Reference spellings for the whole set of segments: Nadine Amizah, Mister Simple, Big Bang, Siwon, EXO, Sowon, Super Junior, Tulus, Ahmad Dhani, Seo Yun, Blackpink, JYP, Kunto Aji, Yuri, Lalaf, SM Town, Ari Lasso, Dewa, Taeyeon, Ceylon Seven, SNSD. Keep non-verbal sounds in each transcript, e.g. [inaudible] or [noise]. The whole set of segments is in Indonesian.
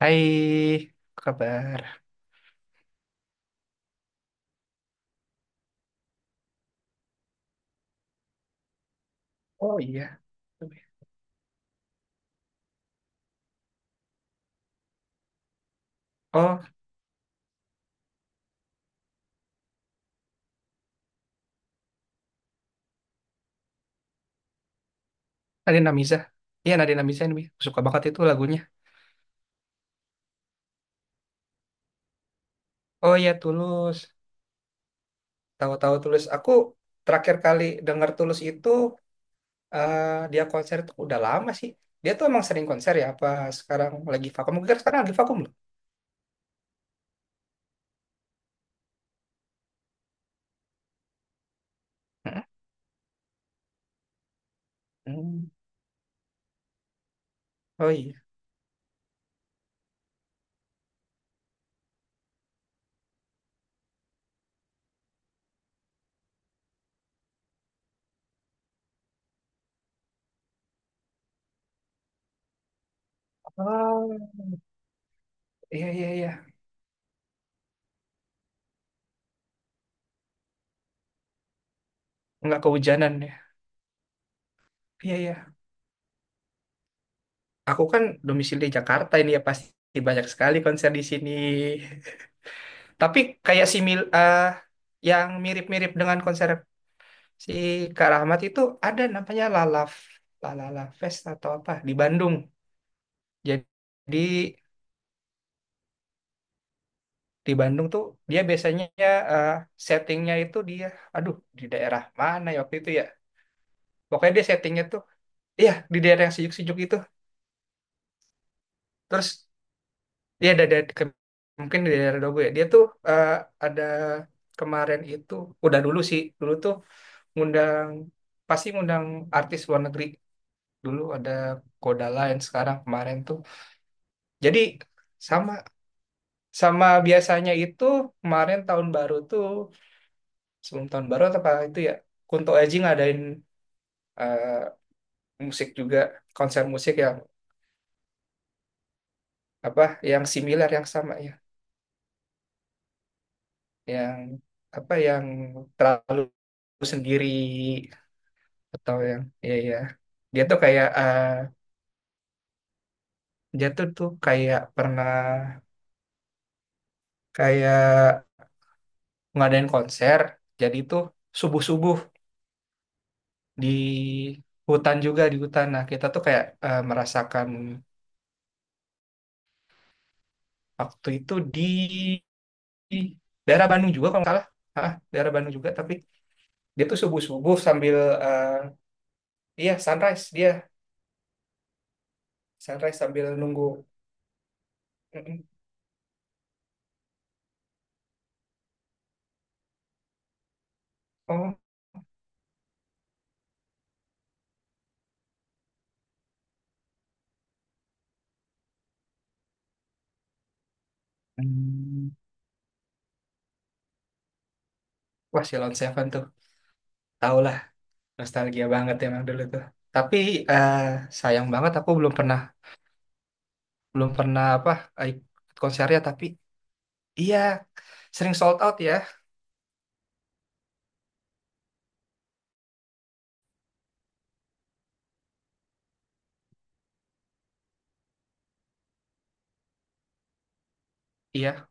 Hai, apa kabar? Oh iya. Oh, Nadine Amizah. Iya, Nadine Amizah ini. Aku suka banget itu lagunya. Oh iya, Tulus. Tahu-tahu Tulus. Aku terakhir kali denger Tulus itu, eh, dia konser itu udah lama sih. Dia tuh emang sering konser ya? Apa sekarang lagi vakum? Mungkin sekarang lagi vakum loh. Heeh. Hmm. Oh iya. Oh, iya, iya, iya. Nggak kehujanan ya. Iya, iya. Aku kan domisili Jakarta ini ya pasti banyak sekali konser di sini. Tapi kayak si mil yang mirip-mirip dengan konser si Kak Rahmat itu ada namanya Lalaf, Lalala Fest atau apa di Bandung. Jadi di Bandung tuh dia biasanya, eh, settingnya itu dia, aduh di daerah mana ya waktu itu ya. Pokoknya dia settingnya tuh, iya di daerah yang sejuk-sejuk itu. Terus dia ada ke- mungkin di daerah Dogo ya. Dia tuh, eh, ada kemarin itu, udah dulu sih, dulu tuh ngundang, pasti ngundang artis luar negeri dulu ada Koda lain sekarang kemarin tuh jadi, sama sama biasanya itu kemarin tahun baru tuh sebelum tahun baru atau apa itu ya Kunto Aji ngadain, eh, musik juga, konser musik yang apa, yang similar yang sama ya, yang apa, yang terlalu sendiri, atau yang ya ya dia tuh kayak dia tuh tuh kayak pernah kayak ngadain konser jadi tuh subuh-subuh di hutan juga, di hutan. Nah, kita tuh kayak merasakan waktu itu di daerah Bandung juga kalau nggak salah. Hah, daerah Bandung juga tapi dia tuh subuh-subuh sambil eh, iya sunrise dia, sunrise sambil nunggu. Mm-mm. Oh. Hmm. Wah, Ceylon Seven tuh. Tau lah, nostalgia banget emang dulu tuh. Tapi eh, sayang banget aku belum pernah, belum pernah apa, ikut konsernya tapi iya sering sold out ya. Iya,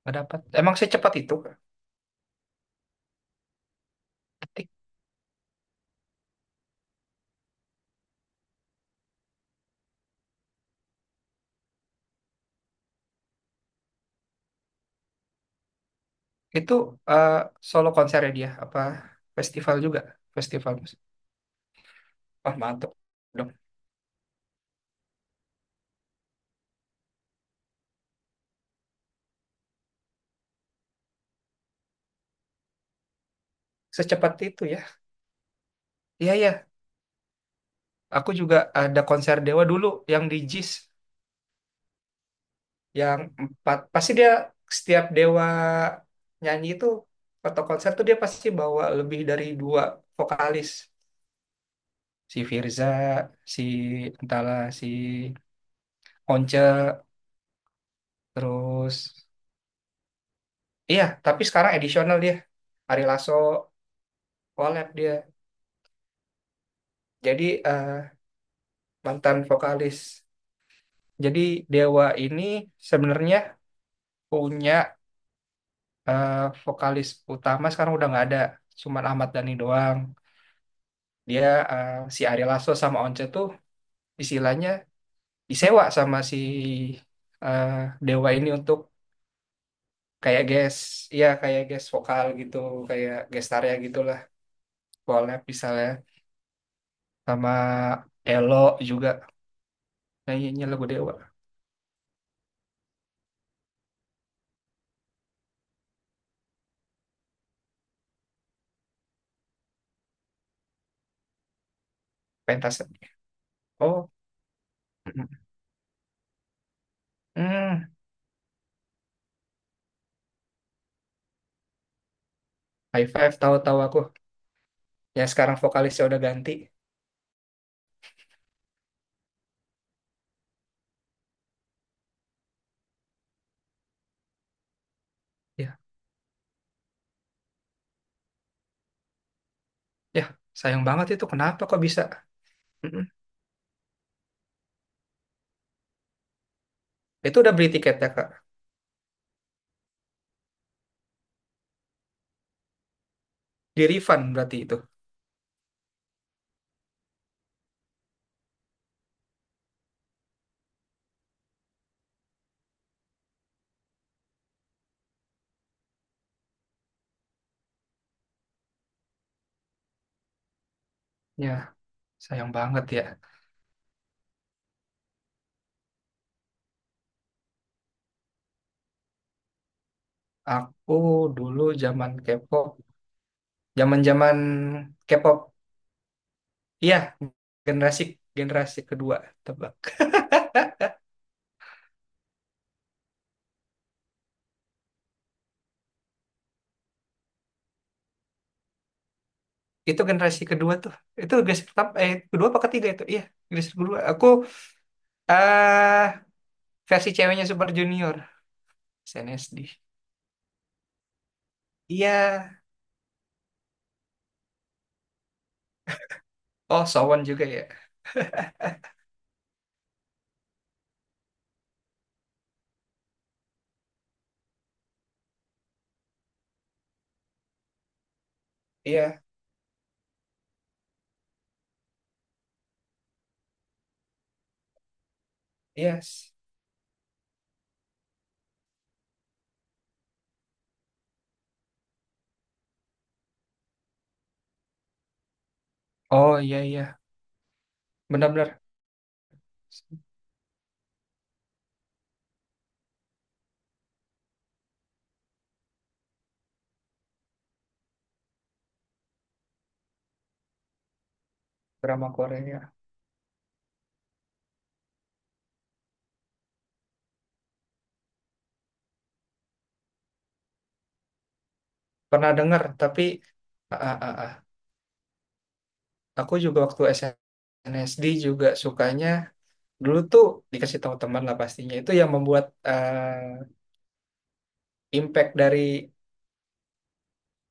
nggak dapat. Emang secepat itu? Itu eh, solo konsernya dia apa festival juga? Festival musik. Wah, mantap dong. Secepat itu ya. Iya ya, aku juga ada konser Dewa dulu yang di JIS yang 4. Pasti dia setiap Dewa nyanyi itu atau konser tuh dia pasti bawa lebih dari 2 vokalis. Si Firza, si entahlah, si Once, terus iya, tapi sekarang edisional dia. Ari Lasso collab dia. Jadi mantan vokalis. Jadi Dewa ini sebenarnya punya, eh, vokalis utama sekarang udah nggak ada, cuman Ahmad Dhani doang. Dia si Ari Lasso sama Once tuh istilahnya disewa sama si, eh, Dewa ini untuk kayak guest, ya kayak guest vokal gitu, kayak gestarnya gitulah, collab misalnya sama Elo juga nyanyinya lagu Dewa, pentas. Oh, mm, high five tahu-tahu aku. Ya sekarang vokalisnya udah ganti. Ya ya, sayang banget itu kenapa kok bisa. Mm-mm. Itu udah beli tiketnya kak, di refund berarti itu. Ya sayang banget ya. Aku dulu zaman K-pop, zaman zaman K-pop. Iya, generasi, generasi kedua tebak. Itu generasi kedua tuh, itu generasi pertama eh kedua apa ketiga itu iya. Generasi kedua aku, eh versi ceweknya Super Junior, SNSD. Iya. Oh Sowon juga ya. Iya. Yes. Oh iya iya. Benar-benar drama Korea. Ya. Pernah dengar, tapi ah, ah, ah. Ah. Aku juga waktu SNSD juga sukanya dulu tuh dikasih tahu teman lah pastinya. Itu yang membuat, eh, impact dari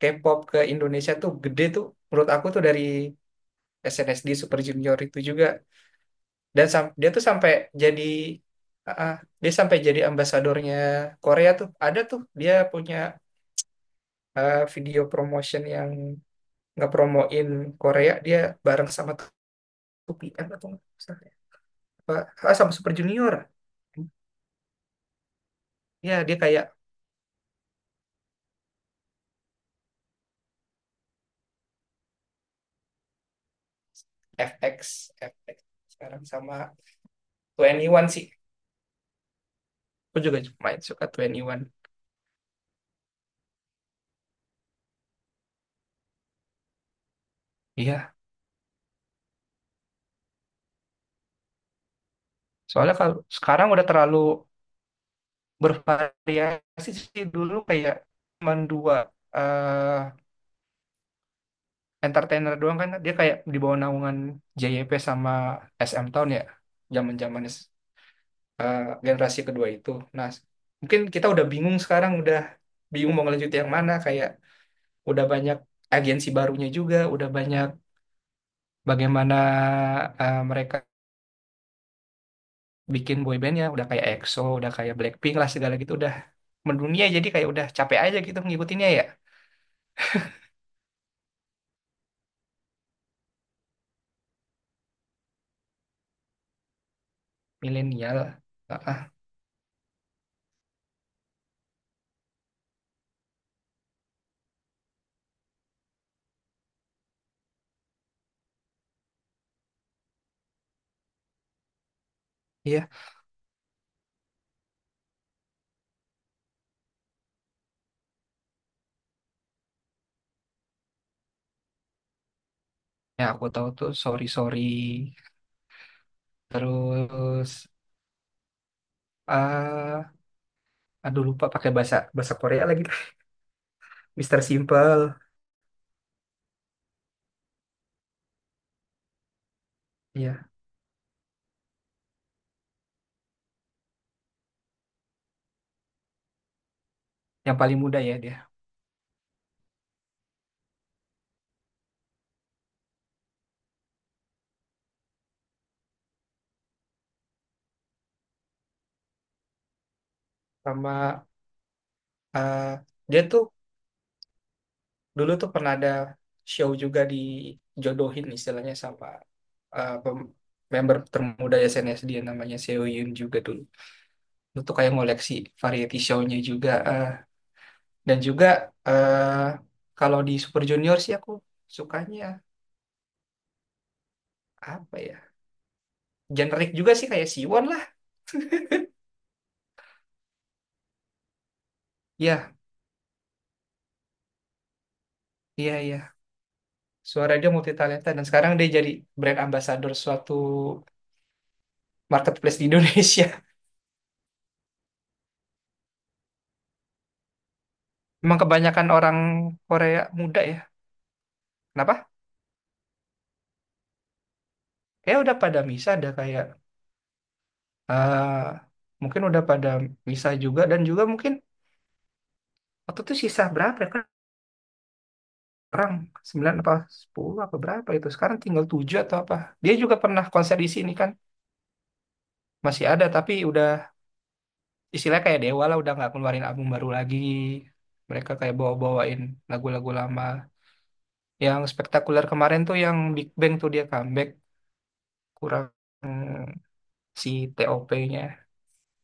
K-pop ke Indonesia tuh gede tuh. Menurut aku tuh dari SNSD Super Junior itu juga. Dan sam- dia tuh sampai jadi, ah, ah. Dia sampai jadi ambasadornya Korea tuh. Ada tuh dia punya, video promotion yang ngepromoin Korea dia bareng sama UPM atau nggak salah ya. Apa, ah, sama Super Junior, ya dia kayak FX FX sekarang sama 21 sih. Aku juga main suka 21. Iya soalnya kalau sekarang udah terlalu bervariasi sih, dulu kayak cuma dua, eh entertainer doang kan dia kayak di bawah naungan JYP sama SM Town ya, zaman-zaman, eh, generasi kedua itu. Nah mungkin kita udah bingung sekarang udah bingung mau ngelanjut yang mana, kayak udah banyak agensi barunya juga, udah banyak bagaimana mereka bikin boybandnya, udah kayak EXO, udah kayak Blackpink lah segala gitu, udah mendunia jadi kayak udah capek aja gitu ngikutinnya ya, milenial. Ah, ah, iya, ya aku tahu tuh sorry sorry, terus ah aduh lupa pakai bahasa, bahasa Korea lagi. [laughs] Mister Simple. Iya, yang paling muda ya dia. Sama ah, dia tuh dulu tuh pernah ada show juga dijodohin istilahnya sama, pem- member termuda SNSD dia namanya Seo Yun juga dulu. Itu tuh kayak ngoleksi variety show-nya juga. Eh. Dan juga eh kalau di Super Junior sih aku sukanya apa ya? Generik juga sih kayak Siwon lah. Ya, iya, iya. Suara dia multi talenta dan sekarang dia jadi brand ambassador suatu marketplace di Indonesia. [laughs] Emang kebanyakan orang Korea muda ya. Kenapa? Kayak udah pada misah, ada kayak eh mungkin udah pada misah juga dan juga mungkin waktu itu sisa berapa ya kan orang, 9 apa 10 apa berapa itu. Sekarang tinggal 7 atau apa. Dia juga pernah konser di sini kan. Masih ada tapi udah istilahnya kayak Dewa lah udah nggak keluarin album baru lagi. Mereka kayak bawa-bawain lagu-lagu lama. Yang spektakuler kemarin tuh yang Big Bang tuh dia comeback kurang mm, si TOP-nya.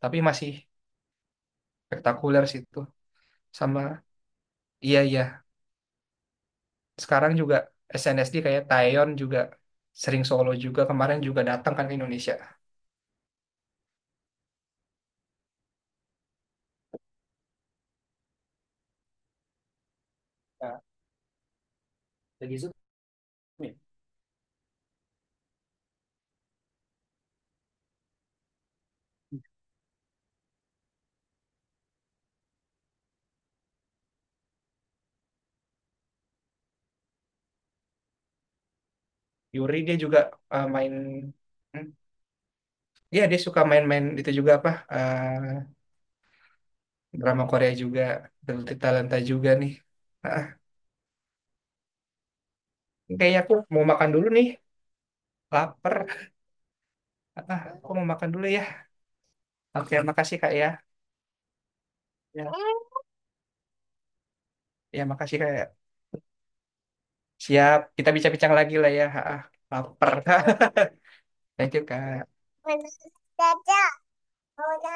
Tapi masih spektakuler sih itu. Sama iya iya. Sekarang juga SNSD kayak Taeyeon juga sering solo juga kemarin juga datang kan ke Indonesia. Lagi Zoom ya? Yuri dia juga main, hmm, iya dia suka main-main itu juga apa drama Korea juga, talenta juga nih. Ah, kayaknya aku mau makan dulu nih, lapar. Ah, aku mau makan dulu ya. Oke makasih kak ya. Ya. Ya makasih kak ya. Siap kita bincang-bincang lagi lah ya. Ah, lapar. [laughs] Thank you kak. Dadah.